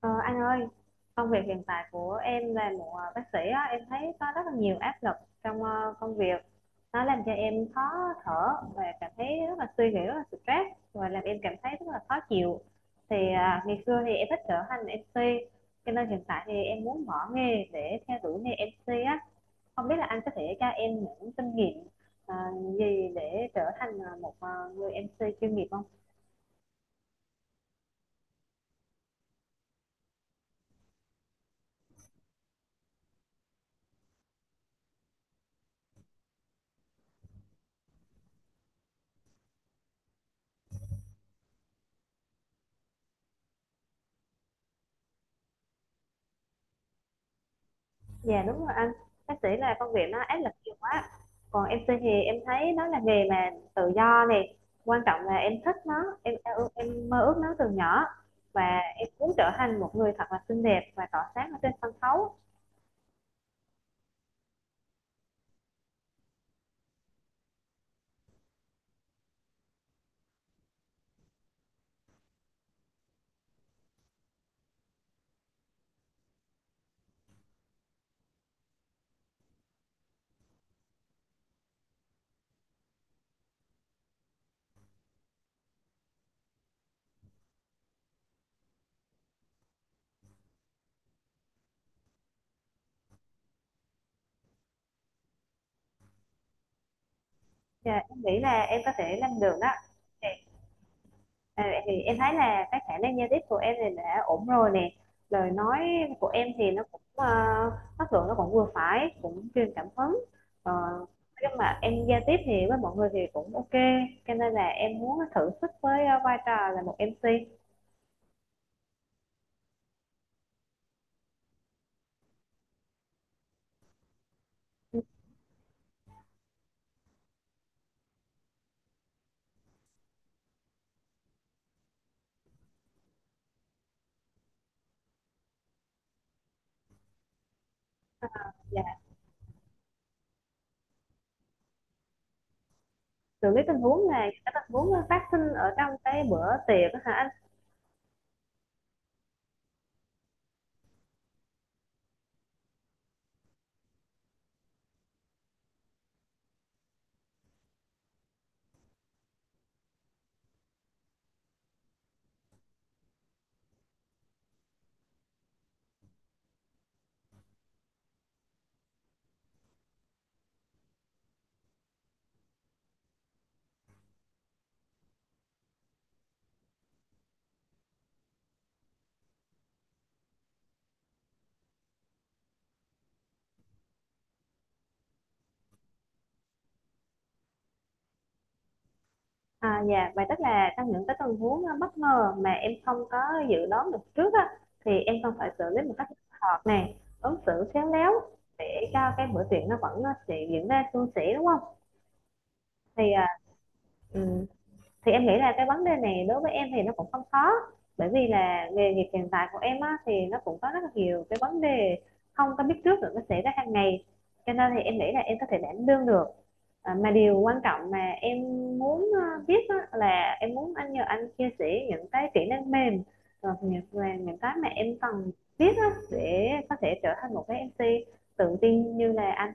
Ờ, anh ơi, công việc hiện tại của em là một bác sĩ á, em thấy có rất là nhiều áp lực trong công việc. Nó làm cho em khó thở và cảm thấy rất là suy nghĩ, rất là stress và làm em cảm thấy rất là khó chịu. Thì ngày xưa thì em thích trở thành MC, cho nên hiện tại thì em muốn bỏ nghề để theo đuổi nghề MC á. Không biết là anh có thể cho em những kinh nghiệm ờ, gì để trở thành một người MC chuyên nghiệp không? Dạ đúng rồi anh, bác sĩ là công việc nó áp lực nhiều quá. Còn em MC thì em thấy nó là nghề mà tự do này, quan trọng là em thích nó, em mơ ước nó từ nhỏ và em muốn trở thành một người thật là xinh đẹp và tỏa sáng ở trên sân khấu. Dạ, em nghĩ là em có thể làm được đó. À, vậy thì em thấy là cái khả năng giao tiếp của em thì đã ổn rồi nè, lời nói của em thì nó cũng chất lượng, nó cũng vừa phải, cũng truyền cảm hứng. Ờ, nhưng mà em giao tiếp thì với mọi người thì cũng ok, cho nên là em muốn thử sức với vai trò là một MC, là xử lý tình huống. Này, cái tình huống nó phát sinh ở trong cái bữa tiệc á hả? À, dạ, vậy tức là trong những cái tình huống bất ngờ mà em không có dự đoán được trước á, thì em cần phải xử lý một cách thích hợp này, ứng xử khéo léo để cho cái bữa tiệc nó vẫn sẽ diễn ra suôn sẻ đúng không? Thì ừm, thì em nghĩ là cái vấn đề này đối với em thì nó cũng không khó, bởi vì là nghề nghiệp hiện tại của em á, thì nó cũng có rất là nhiều cái vấn đề không có biết trước được, nó xảy ra hàng ngày, cho nên thì em nghĩ là em có thể đảm đương được. À, mà điều quan trọng mà em muốn biết á, là em muốn anh, nhờ anh chia sẻ những cái kỹ năng mềm và những cái mà em cần biết á, để có thể trở thành một cái MC tự tin như là anh.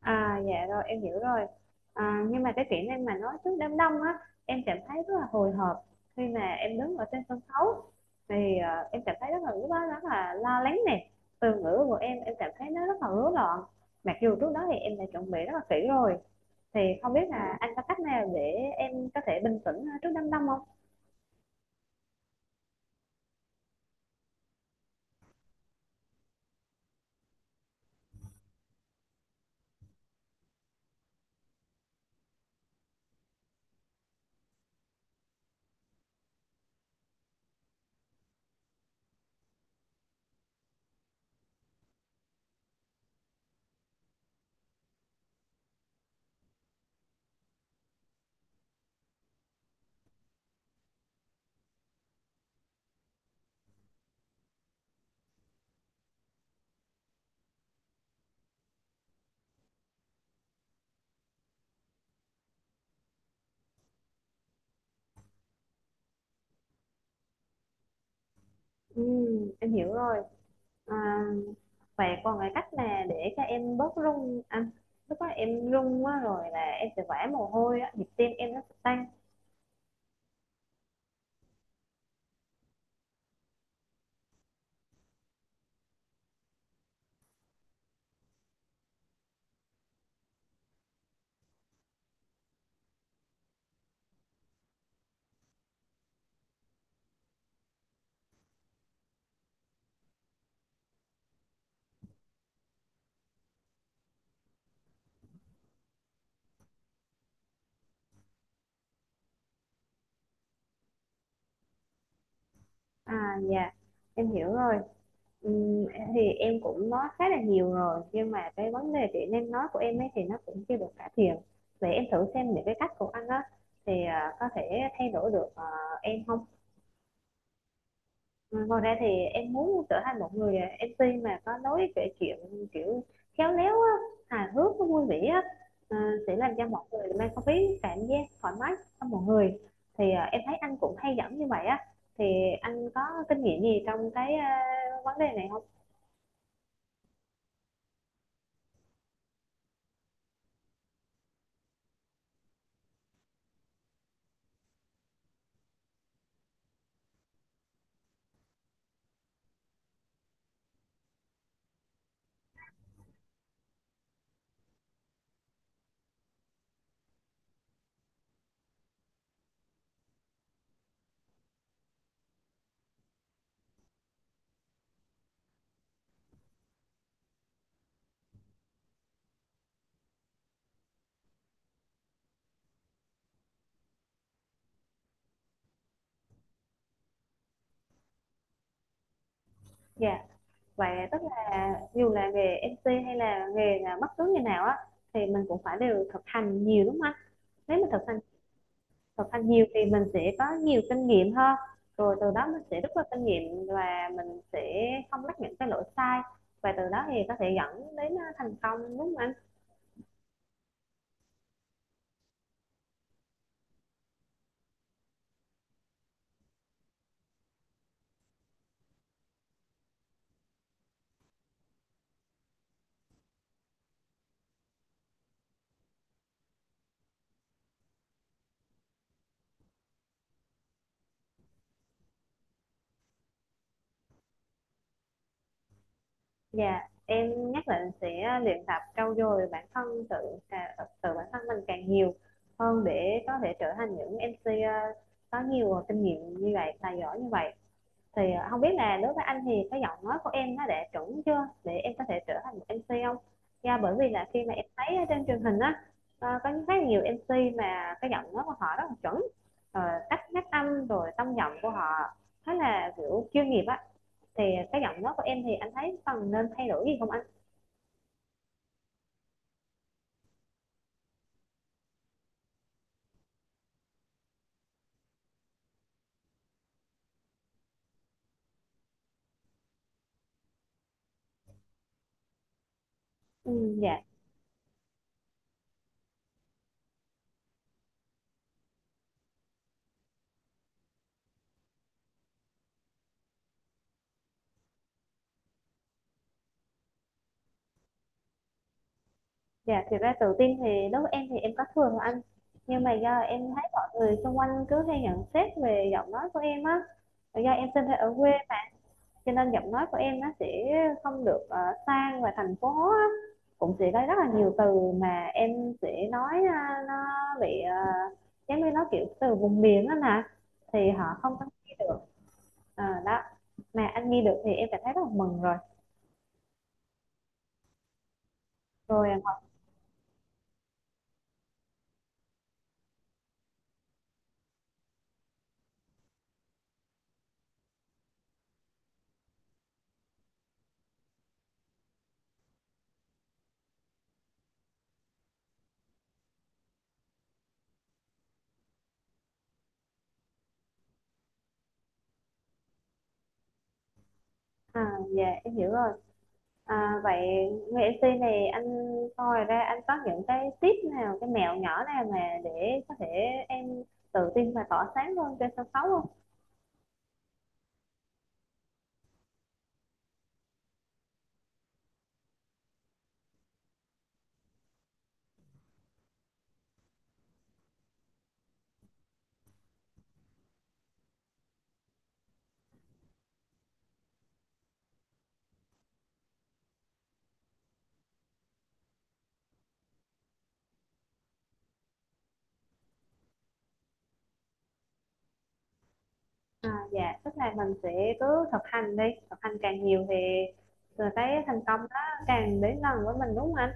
À dạ, rồi em hiểu rồi. À, nhưng mà cái kỹ năng mà nói trước đám đông á, em cảm thấy rất là hồi hộp. Khi mà em đứng ở trên sân khấu thì em cảm thấy rất là, lúc đó rất là lo lắng nè, từ ngữ của em cảm thấy nó rất là rối loạn, mặc dù trước đó thì em đã chuẩn bị rất là kỹ rồi. Thì không biết là anh có cách nào để em có thể bình tĩnh trước đám đông không? Em hiểu rồi. À, và còn cái cách là để cho em bớt run anh. Lúc đó em run quá rồi là em sẽ vã mồ hôi á, nhịp tim em nó sẽ tăng. À dạ, em hiểu rồi. Ừm, thì em cũng nói khá là nhiều rồi nhưng mà cái vấn đề chị năng nói của em ấy thì nó cũng chưa được cải thiện. Vậy em thử xem những cái cách của anh á, thì à, có thể thay đổi được à, em không? Ừ, ngoài ra thì em muốn trở thành một người à, MC mà có lối kể chuyện kiểu khéo léo á, hài hước, nó vui vẻ á, à, sẽ làm cho mọi người mang không khí cảm giác thoải mái trong mọi người. Thì à, em thấy anh cũng hay dẫn như vậy á, thì anh có kinh nghiệm gì trong cái à, vấn đề này không? Dạ, vậy tức là dù là nghề MC hay là nghề là bất cứ nghề nào á, thì mình cũng phải đều thực hành nhiều đúng không anh? Nếu mà thực hành nhiều thì mình sẽ có nhiều kinh nghiệm hơn, rồi từ đó mình sẽ rút ra kinh nghiệm và mình sẽ không mắc những cái lỗi sai, và từ đó thì có thể dẫn đến thành công đúng không anh? Dạ, em nhất định sẽ luyện tập trau dồi bản thân, tự bản thân mình càng nhiều hơn để có thể trở thành những MC có nhiều kinh nghiệm như vậy, tài giỏi như vậy. Thì không biết là đối với anh thì cái giọng nói của em nó đã chuẩn chưa để em có thể trở thành một MC không? Yeah, bởi vì là khi mà em thấy ở trên truyền hình á, có rất là nhiều MC mà cái giọng nói của họ rất là chuẩn, ờ, cách phát âm rồi tông giọng của họ khá là, kiểu, chuyên nghiệp á, thì cái giọng nói của em thì anh thấy cần nên thay đổi gì không anh? Ừ, dạ, thì ra tự tin thì đối với em thì em có thừa rồi anh, nhưng mà do em thấy mọi người xung quanh cứ hay nhận xét về giọng nói của em á, do em sinh ra ở quê, cho nên giọng nói của em nó sẽ không được sang và thành phố á. Cũng sẽ có rất là nhiều từ mà em sẽ nói nó bị giống như nó kiểu từ vùng miền đó nè, thì họ không có nghe được. Ờ, đó, mà anh nghe được thì em cảm thấy rất là mừng rồi. Rồi à, dạ em hiểu rồi. À, vậy người MC này anh, coi ra anh có những cái tip nào, cái mẹo nhỏ nào mà để có thể em tự tin và tỏa sáng hơn trên sân khấu không? À, dạ, tức là mình sẽ cứ thực hành đi, thực hành càng nhiều thì rồi cái thành công đó càng đến gần với mình đúng không anh?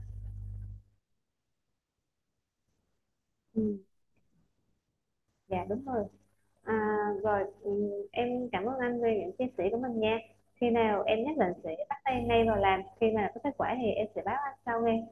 Ừ, dạ đúng rồi. À, rồi ừ, em cảm ơn anh về những chia sẻ của mình nha. Khi nào em nhất định sẽ bắt tay ngay vào làm, khi mà có kết quả thì em sẽ báo anh sau nghe.